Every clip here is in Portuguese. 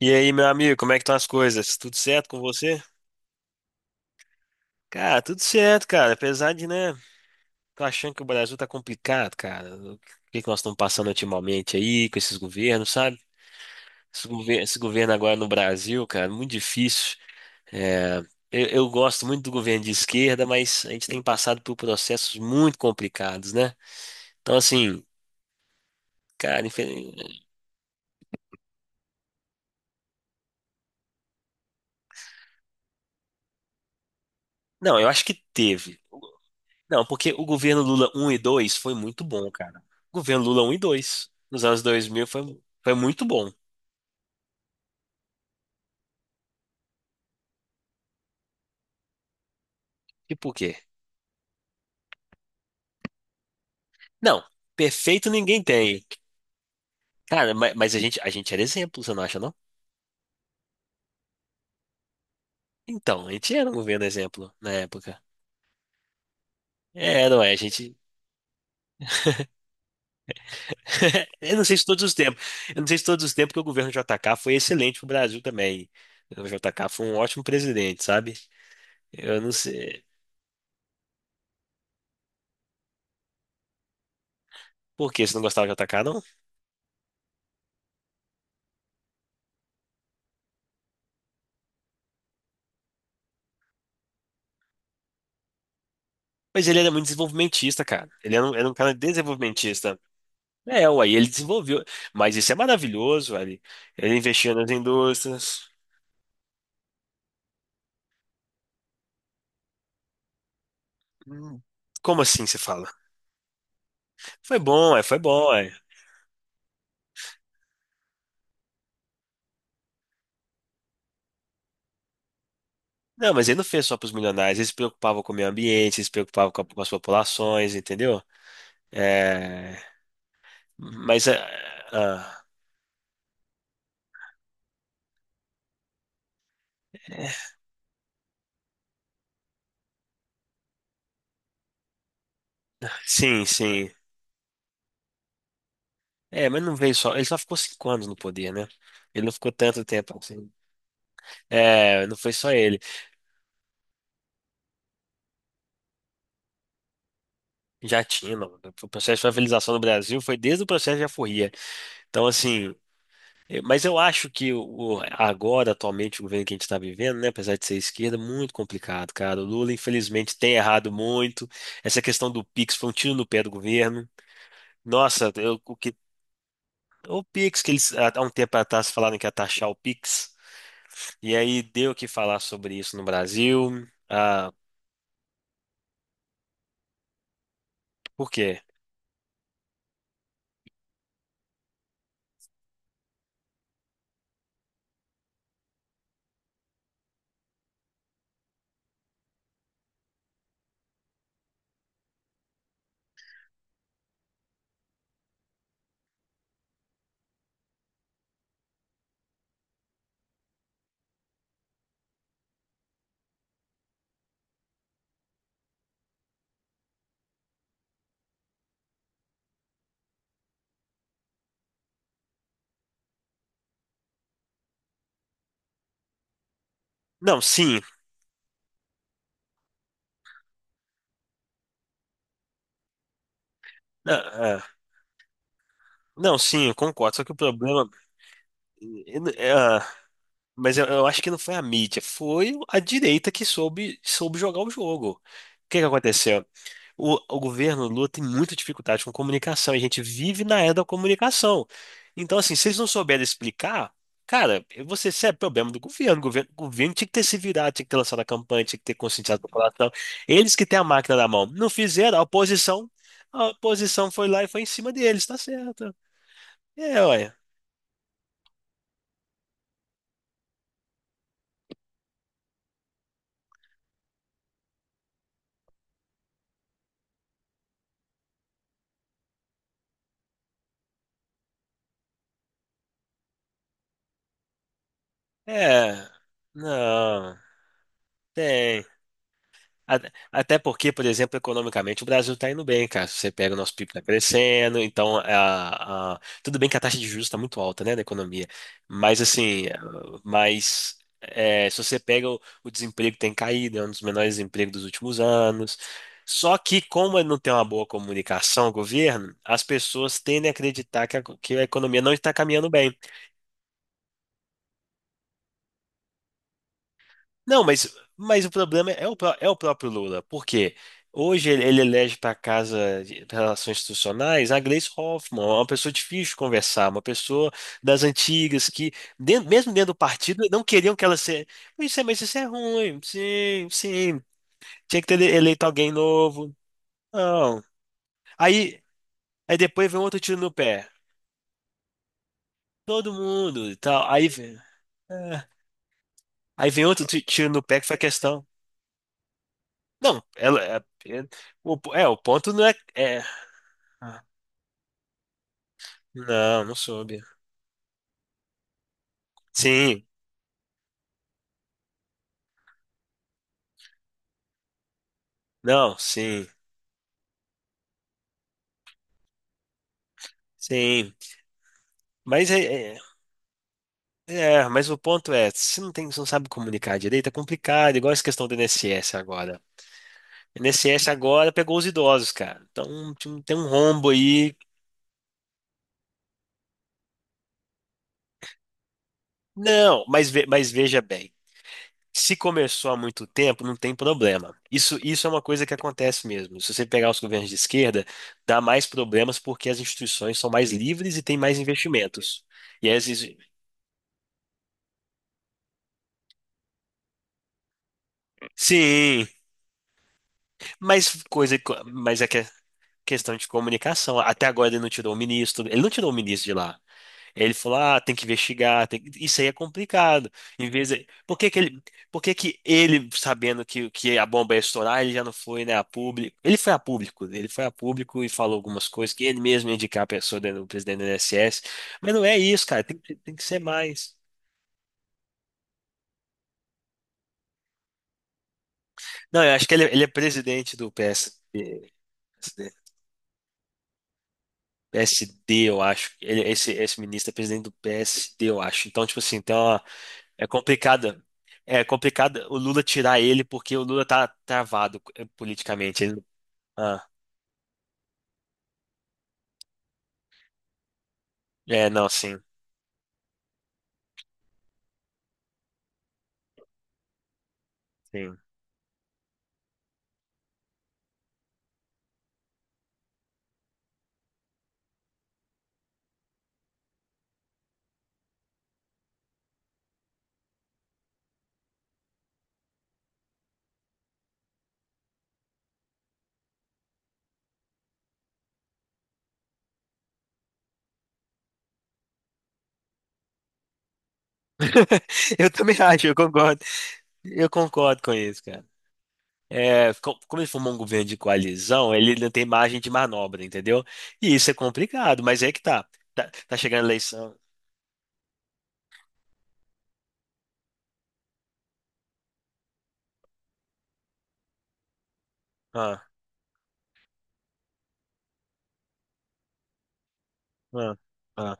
E aí, meu amigo, como é que estão as coisas? Tudo certo com você? Cara, tudo certo, cara. Apesar de, né, tô achando que o Brasil tá complicado, cara. O que que nós estamos passando ultimamente aí com esses governos, sabe? Esse governo agora no Brasil, cara, muito difícil. É, eu gosto muito do governo de esquerda, mas a gente tem passado por processos muito complicados, né? Então, assim, cara, não, eu acho que teve. Não, porque o governo Lula um e 2 foi muito bom, cara. O governo Lula um e 2, nos anos 2000 foi muito bom. E por quê? Não, perfeito ninguém tem. Cara, mas, a gente era exemplo, você não acha, não? Então, a gente era um governo exemplo na época. É, não é, a gente. Eu não sei se todos os tempos. Eu não sei se todos os tempos que o governo JK foi excelente pro Brasil também. O JK foi um ótimo presidente, sabe? Eu não sei. Por quê? Você não gostava do JK, não? Mas ele era muito desenvolvimentista, cara. Ele era um cara desenvolvimentista. É, aí ele desenvolveu. Mas isso é maravilhoso, ali. Ele investiu nas indústrias. Hum. Como assim você fala? Foi bom, é, foi bom, é. Não, mas ele não fez só para os milionários. Ele se preocupava com o meio ambiente, ele se preocupava com as populações, entendeu? É, mas, é, ah, é, sim, sim. É, mas não veio só. Ele só ficou 5 anos no poder, né? Ele não ficou tanto tempo assim. É, não foi só ele. Já tinha, não. O processo de favelização no Brasil foi desde o processo de aforria. Então, assim. Mas eu acho que agora, atualmente, o governo que a gente está vivendo, né, apesar de ser esquerda, muito complicado, cara. O Lula, infelizmente, tem errado muito. Essa questão do Pix foi um tiro no pé do governo. Nossa, o que, o Pix, que eles há um tempo atrás falaram que ia taxar o Pix, e aí deu o que falar sobre isso no Brasil. Ah, por quê? Não, sim. Ah, ah, não, sim, eu concordo. Só que o problema. Mas eu acho que não foi a mídia, foi a direita que soube jogar o jogo. O que que aconteceu? O governo Lula tem muita dificuldade com comunicação, e a gente vive na era da comunicação. Então, assim, se eles não souberem explicar, cara, você, isso é problema do governo. O governo tinha que ter se virado, tinha que ter lançado a campanha, tinha que ter conscientizado a população. Eles que têm a máquina na mão. Não fizeram, a oposição foi lá e foi em cima deles, tá certo. É, olha. É. Não. Tem. A- Até porque, por exemplo, economicamente o Brasil está indo bem, cara. Se você pega o nosso PIB está crescendo, então é, tudo bem que a taxa de juros está muito alta, né, da economia. Mas assim, mas é, se você pega o desemprego tem caído, é um dos menores empregos dos últimos anos. Só que como não tem uma boa comunicação, o governo, as pessoas tendem a acreditar que a economia não está caminhando bem. Não, mas o problema é é o próprio Lula, porque hoje ele elege para a Casa de Relações Institucionais a Gleisi Hoffmann, uma pessoa difícil de conversar, uma pessoa das antigas que, mesmo dentro do partido, não queriam que ela se. Isso é, mas isso é ruim, sim, sim. Tinha que ter eleito alguém novo. Não. Aí, aí depois vem outro tiro no pé. Todo mundo e tal. Aí, é. Aí vem outro tiro no pé que foi a questão. Não, ela, é- o ponto não é. Ah, não, não soube. Sim, não, sim, sim. Mas é, é, mas o ponto é, se não tem, se não sabe comunicar direito, é complicado, igual essa questão do INSS agora. O INSS agora pegou os idosos, cara. Então tem um rombo aí. Não, mas veja bem. Se começou há muito tempo, não tem problema. Isso é uma coisa que acontece mesmo. Se você pegar os governos de esquerda, dá mais problemas porque as instituições são mais livres e têm mais investimentos. E as. Sim. Mas coisa, mas é que é questão de comunicação. Até agora ele não tirou o ministro, ele não tirou o ministro de lá. Ele falou, ah, tem que investigar. Isso aí é complicado. Em vez de, por que que ele, sabendo que a bomba ia estourar, ele já não foi, né, a público? Ele foi a público, ele foi a público e falou algumas coisas que ele mesmo ia indicar a pessoa, né, o presidente do INSS. Mas não é isso, cara, tem que ser mais. Não, eu acho que ele é presidente do P PS. PSD, eu acho. Esse ministro é presidente do PSD, eu acho. Então, tipo assim, então uma, é complicado. É complicado o Lula tirar ele porque o Lula tá travado politicamente. Ah, é, não, sim, sim. Eu também acho, eu concordo. Eu concordo com isso, cara. É, como ele formou um governo de coalizão, ele não tem margem de manobra, entendeu? E isso é complicado, mas é que tá. Tá, tá chegando a eleição. Ah, ah, ah.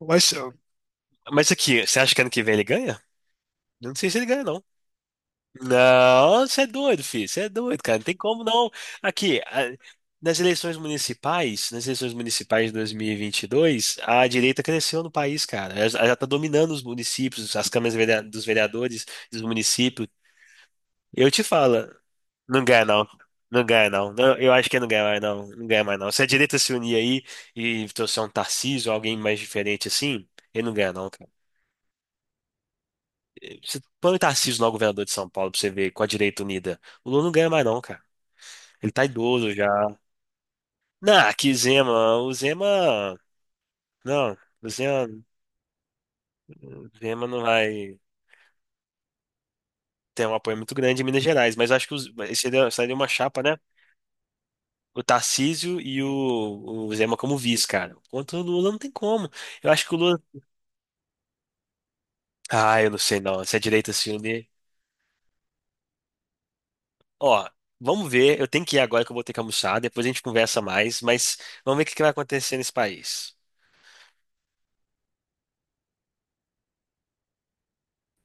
Mas, mas aqui, você acha que ano que vem ele ganha? Eu não sei se ele ganha, não. Não, você é doido, filho. Você é doido, cara. Não tem como, não. Aqui, nas eleições municipais de dois mil e vinte e dois a direita cresceu no país, cara. Ela já está dominando os municípios, as câmaras dos vereadores, dos municípios. Eu te falo, não ganha, não. Não ganha, não. Não, eu acho que não ganha mais, não. Não ganha mais, não. Se a direita se unir aí e trouxer um Tarcísio, alguém mais diferente assim, ele não ganha, não. Você põe o Tarcísio lá, o governador de São Paulo, pra você ver, com a direita unida. O Lula não ganha mais, não, cara. Ele tá idoso já. Não, que Zema. O Zema. Não, o Zema não vai ter um apoio muito grande em Minas Gerais, mas eu acho que esse seria, seria uma chapa, né? O Tarcísio e o Zema como vice, cara. Enquanto o Lula não tem como. Eu acho que o Lula. Ah, eu não sei não. Se a direita se unir. Ó, vamos ver. Eu tenho que ir agora que eu vou ter que almoçar. Depois a gente conversa mais, mas vamos ver o que que vai acontecer nesse país.